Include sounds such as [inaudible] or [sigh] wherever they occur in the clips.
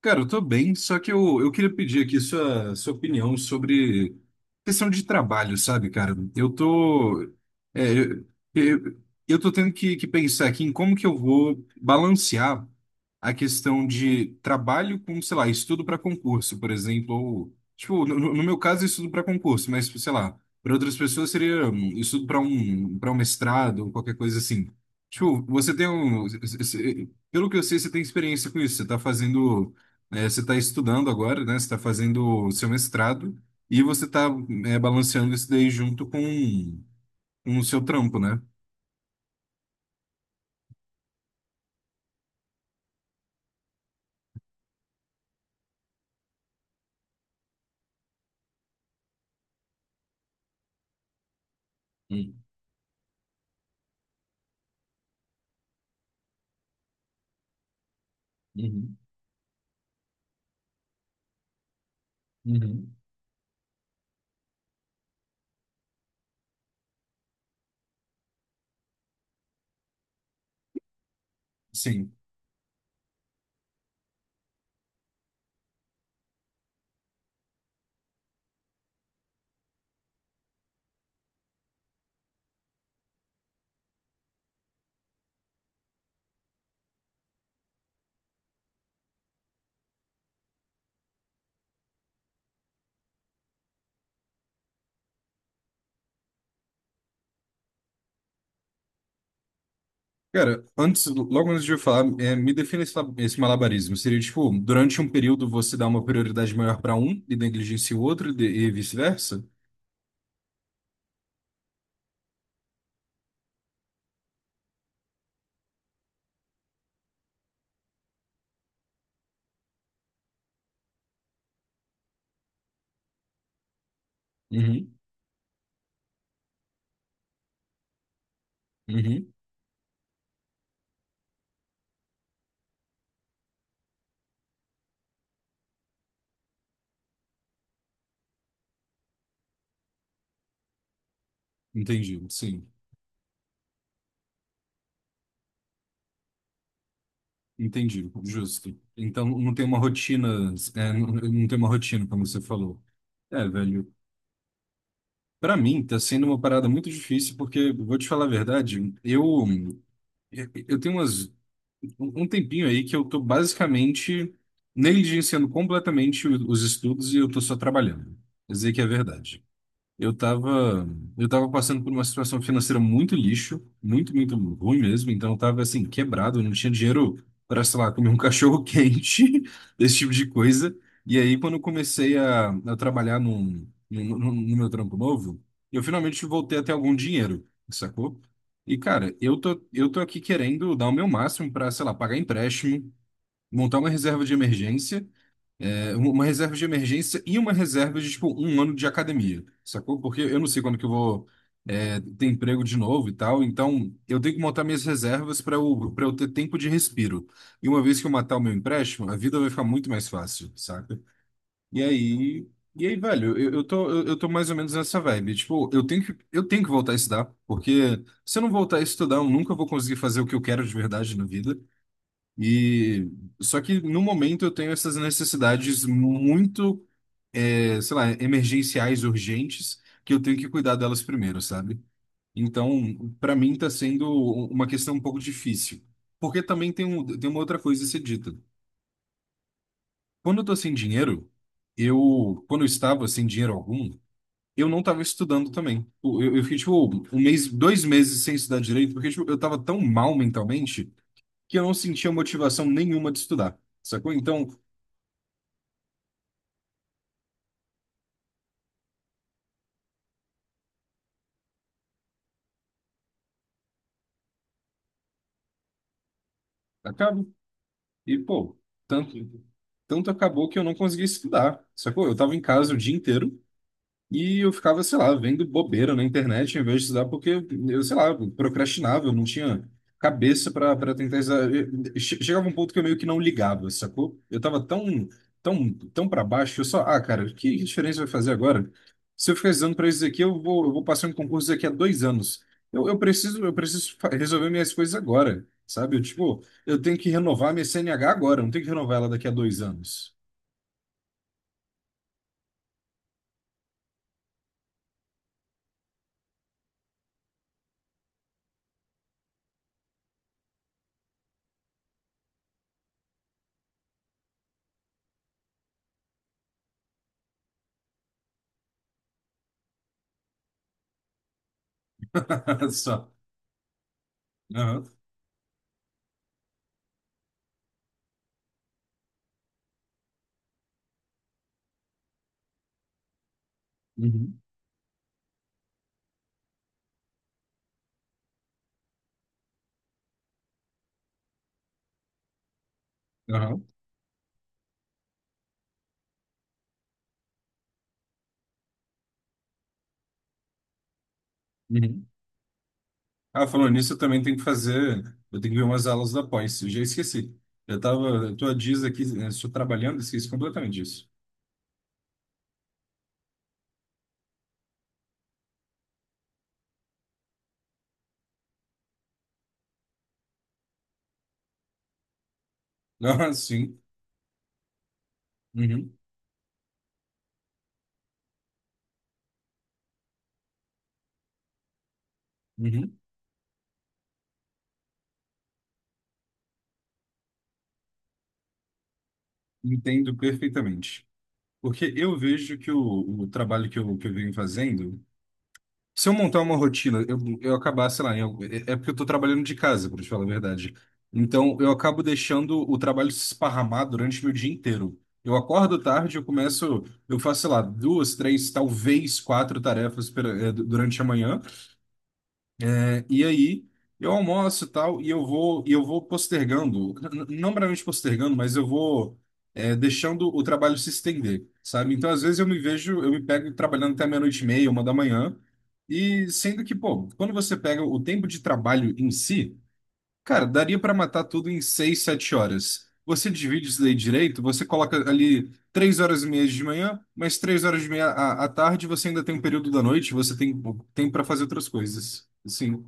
Cara, eu tô bem, só que eu queria pedir aqui sua opinião sobre questão de trabalho, sabe, cara? Eu tô, é, eu tô tendo que pensar aqui em como que eu vou balancear a questão de trabalho com, sei lá, estudo para concurso, por exemplo, ou, tipo, no meu caso, estudo para concurso, mas, sei lá, para outras pessoas seria estudo para para um mestrado ou qualquer coisa assim. Tipo, você tem um, pelo que eu sei, você tem experiência com isso, você tá fazendo, você está estudando agora, né? Você está fazendo o seu mestrado e você está balanceando isso daí junto com o seu trampo, né? Hum. Uhum, uhum. Sim. Cara, antes, logo antes de eu falar, me defina esse, esse malabarismo. Seria tipo, durante um período você dá uma prioridade maior para um e negligencia o outro e vice-versa? Uhum, uhum. Entendi, sim. Entendi, justo. Então não tem uma rotina, não tem uma rotina, como você falou. É, velho. Para mim, tá sendo uma parada muito difícil, porque, vou te falar a verdade, eu tenho umas, um tempinho aí que eu tô basicamente negligenciando completamente os estudos e eu tô só trabalhando. Dizer que é verdade. Eu tava, eu tava passando por uma situação financeira muito lixo, muito, muito ruim mesmo. Então eu tava assim, quebrado, eu não tinha dinheiro para, sei lá, comer um cachorro quente, [laughs] esse tipo de coisa. E aí, quando eu comecei a trabalhar no meu trampo novo, eu finalmente voltei a ter algum dinheiro, sacou? E, cara, eu tô aqui querendo dar o meu máximo para, sei lá, pagar empréstimo, montar uma reserva de Uma reserva de emergência e uma reserva de, tipo, um ano de academia, sacou? Porque eu não sei quando que eu vou ter emprego de novo e tal, então eu tenho que montar minhas reservas para eu ter tempo de respiro. E uma vez que eu matar o meu empréstimo, a vida vai ficar muito mais fácil, saca? E aí, e aí, velho, eu tô mais ou menos nessa vibe. Tipo, eu tenho que voltar a estudar, porque se eu não voltar a estudar, eu nunca vou conseguir fazer o que eu quero de verdade na vida. E só que no momento eu tenho essas necessidades muito, sei lá, emergenciais urgentes que eu tenho que cuidar delas primeiro, sabe? Então, para mim está sendo uma questão um pouco difícil. Porque também tem, um, tem uma outra coisa a ser dita. Quando eu tô sem dinheiro, eu, quando eu estava sem dinheiro algum, eu não estava estudando também. Eu, eu fiquei, tipo, um mês, dois meses sem estudar direito, porque, tipo, eu estava tão mal mentalmente que eu não sentia motivação nenhuma de estudar, sacou? Então, acaba. E, pô, tanto, tanto acabou que eu não consegui estudar, sacou? Eu tava em casa o dia inteiro. E eu ficava, sei lá, vendo bobeira na internet em vez de estudar, porque eu, sei lá, procrastinava, eu não tinha cabeça para para tentar estudar. Chegava um ponto que eu meio que não ligava, sacou? Eu tava tão, tão, tão para baixo que eu só, ah, cara, que diferença vai fazer agora? Se eu ficar estudando para isso daqui, eu vou passar um concurso daqui a dois anos. Eu preciso, eu preciso resolver minhas coisas agora, sabe? Eu, tipo, eu tenho que renovar minha CNH agora, eu não tenho que renovar ela daqui a dois anos. [laughs] Só. Aham. Uhum. Aham. Uhum. Ah, falando nisso, eu também tenho que fazer. Eu tenho que ver umas aulas da pós. Eu já esqueci. Eu tava. Eu tô há dias aqui, né, estou trabalhando, esqueci completamente disso. [laughs] Ah, sim. Uhum, uhum. Entendo perfeitamente. Porque eu vejo que o trabalho que eu venho fazendo. Se eu montar uma rotina, eu acabar, sei lá, é porque eu tô trabalhando de casa, pra te falar a verdade. Então, eu acabo deixando o trabalho se esparramar durante meu dia inteiro. Eu acordo tarde, eu começo, eu faço, sei lá, duas, três, talvez quatro tarefas durante a manhã. E aí eu almoço e tal, e eu vou postergando, não meramente postergando, mas eu vou deixando o trabalho se estender, sabe? Então, às vezes eu me vejo, eu me pego trabalhando até meia-noite e meia, uma da manhã, e sendo que, pô, quando você pega o tempo de trabalho em si, cara, daria para matar tudo em seis, sete horas. Você divide isso daí direito, você coloca ali três horas e meia de manhã, mais três horas e meia à tarde, você ainda tem um período da noite, você tem pô, tempo para fazer outras coisas. Assim,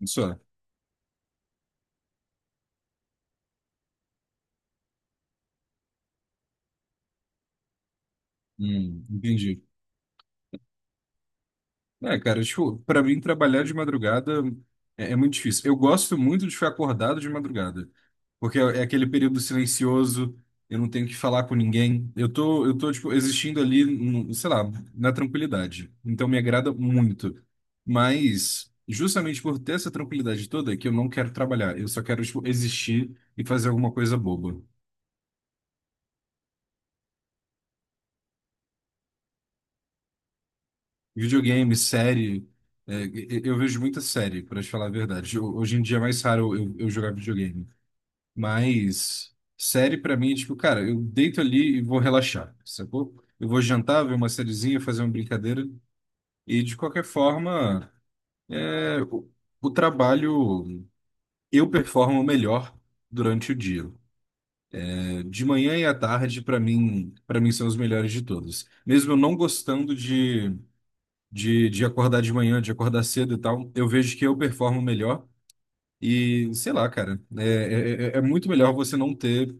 Isso é. Entendi. É, cara, tipo, pra mim trabalhar de madrugada, é muito difícil. Eu gosto muito de ficar acordado de madrugada, porque é aquele período silencioso, eu não tenho que falar com ninguém. Eu tô, tipo, existindo ali, sei lá, na tranquilidade. Então me agrada muito. Mas, justamente por ter essa tranquilidade toda, é que eu não quero trabalhar. Eu só quero, tipo, existir e fazer alguma coisa boba. Videogame, série. Eu vejo muita série, para te falar a verdade. Hoje em dia é mais raro eu jogar videogame. Mas série para mim é tipo, cara, eu deito ali e vou relaxar, sacou? Eu vou jantar, ver uma sériezinha, fazer uma brincadeira. E de qualquer forma, é, o, o trabalho eu performo melhor durante o dia. É, de manhã e à tarde, para mim são os melhores de todos. Mesmo eu não gostando de acordar de manhã, de acordar cedo e tal, eu vejo que eu performo melhor. E sei lá, cara, é muito melhor você não ter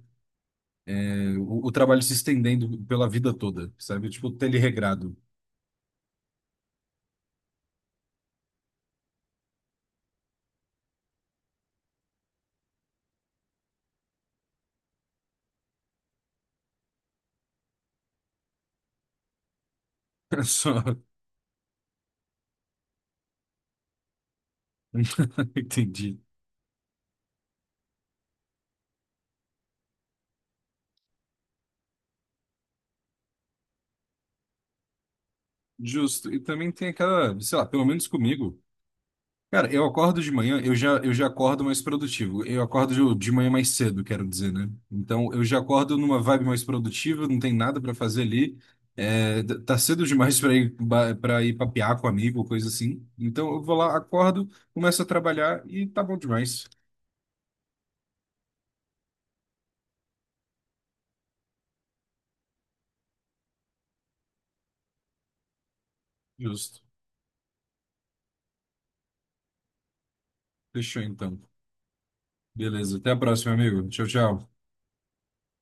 é, o, o trabalho se estendendo pela vida toda, sabe? Tipo, ter ele regrado. [laughs] Só, [laughs] entendi. Justo. E também tem aquela, sei lá, pelo menos comigo. Cara, eu acordo de manhã, eu já acordo mais produtivo. Eu acordo de manhã mais cedo, quero dizer, né? Então, eu já acordo numa vibe mais produtiva, não tem nada pra fazer ali. É, tá cedo demais pra ir para ir papear com amigo, coisa assim. Então, eu vou lá, acordo, começo a trabalhar e tá bom demais. Justo. Fechou então. Beleza, até a próxima, amigo. Tchau, tchau.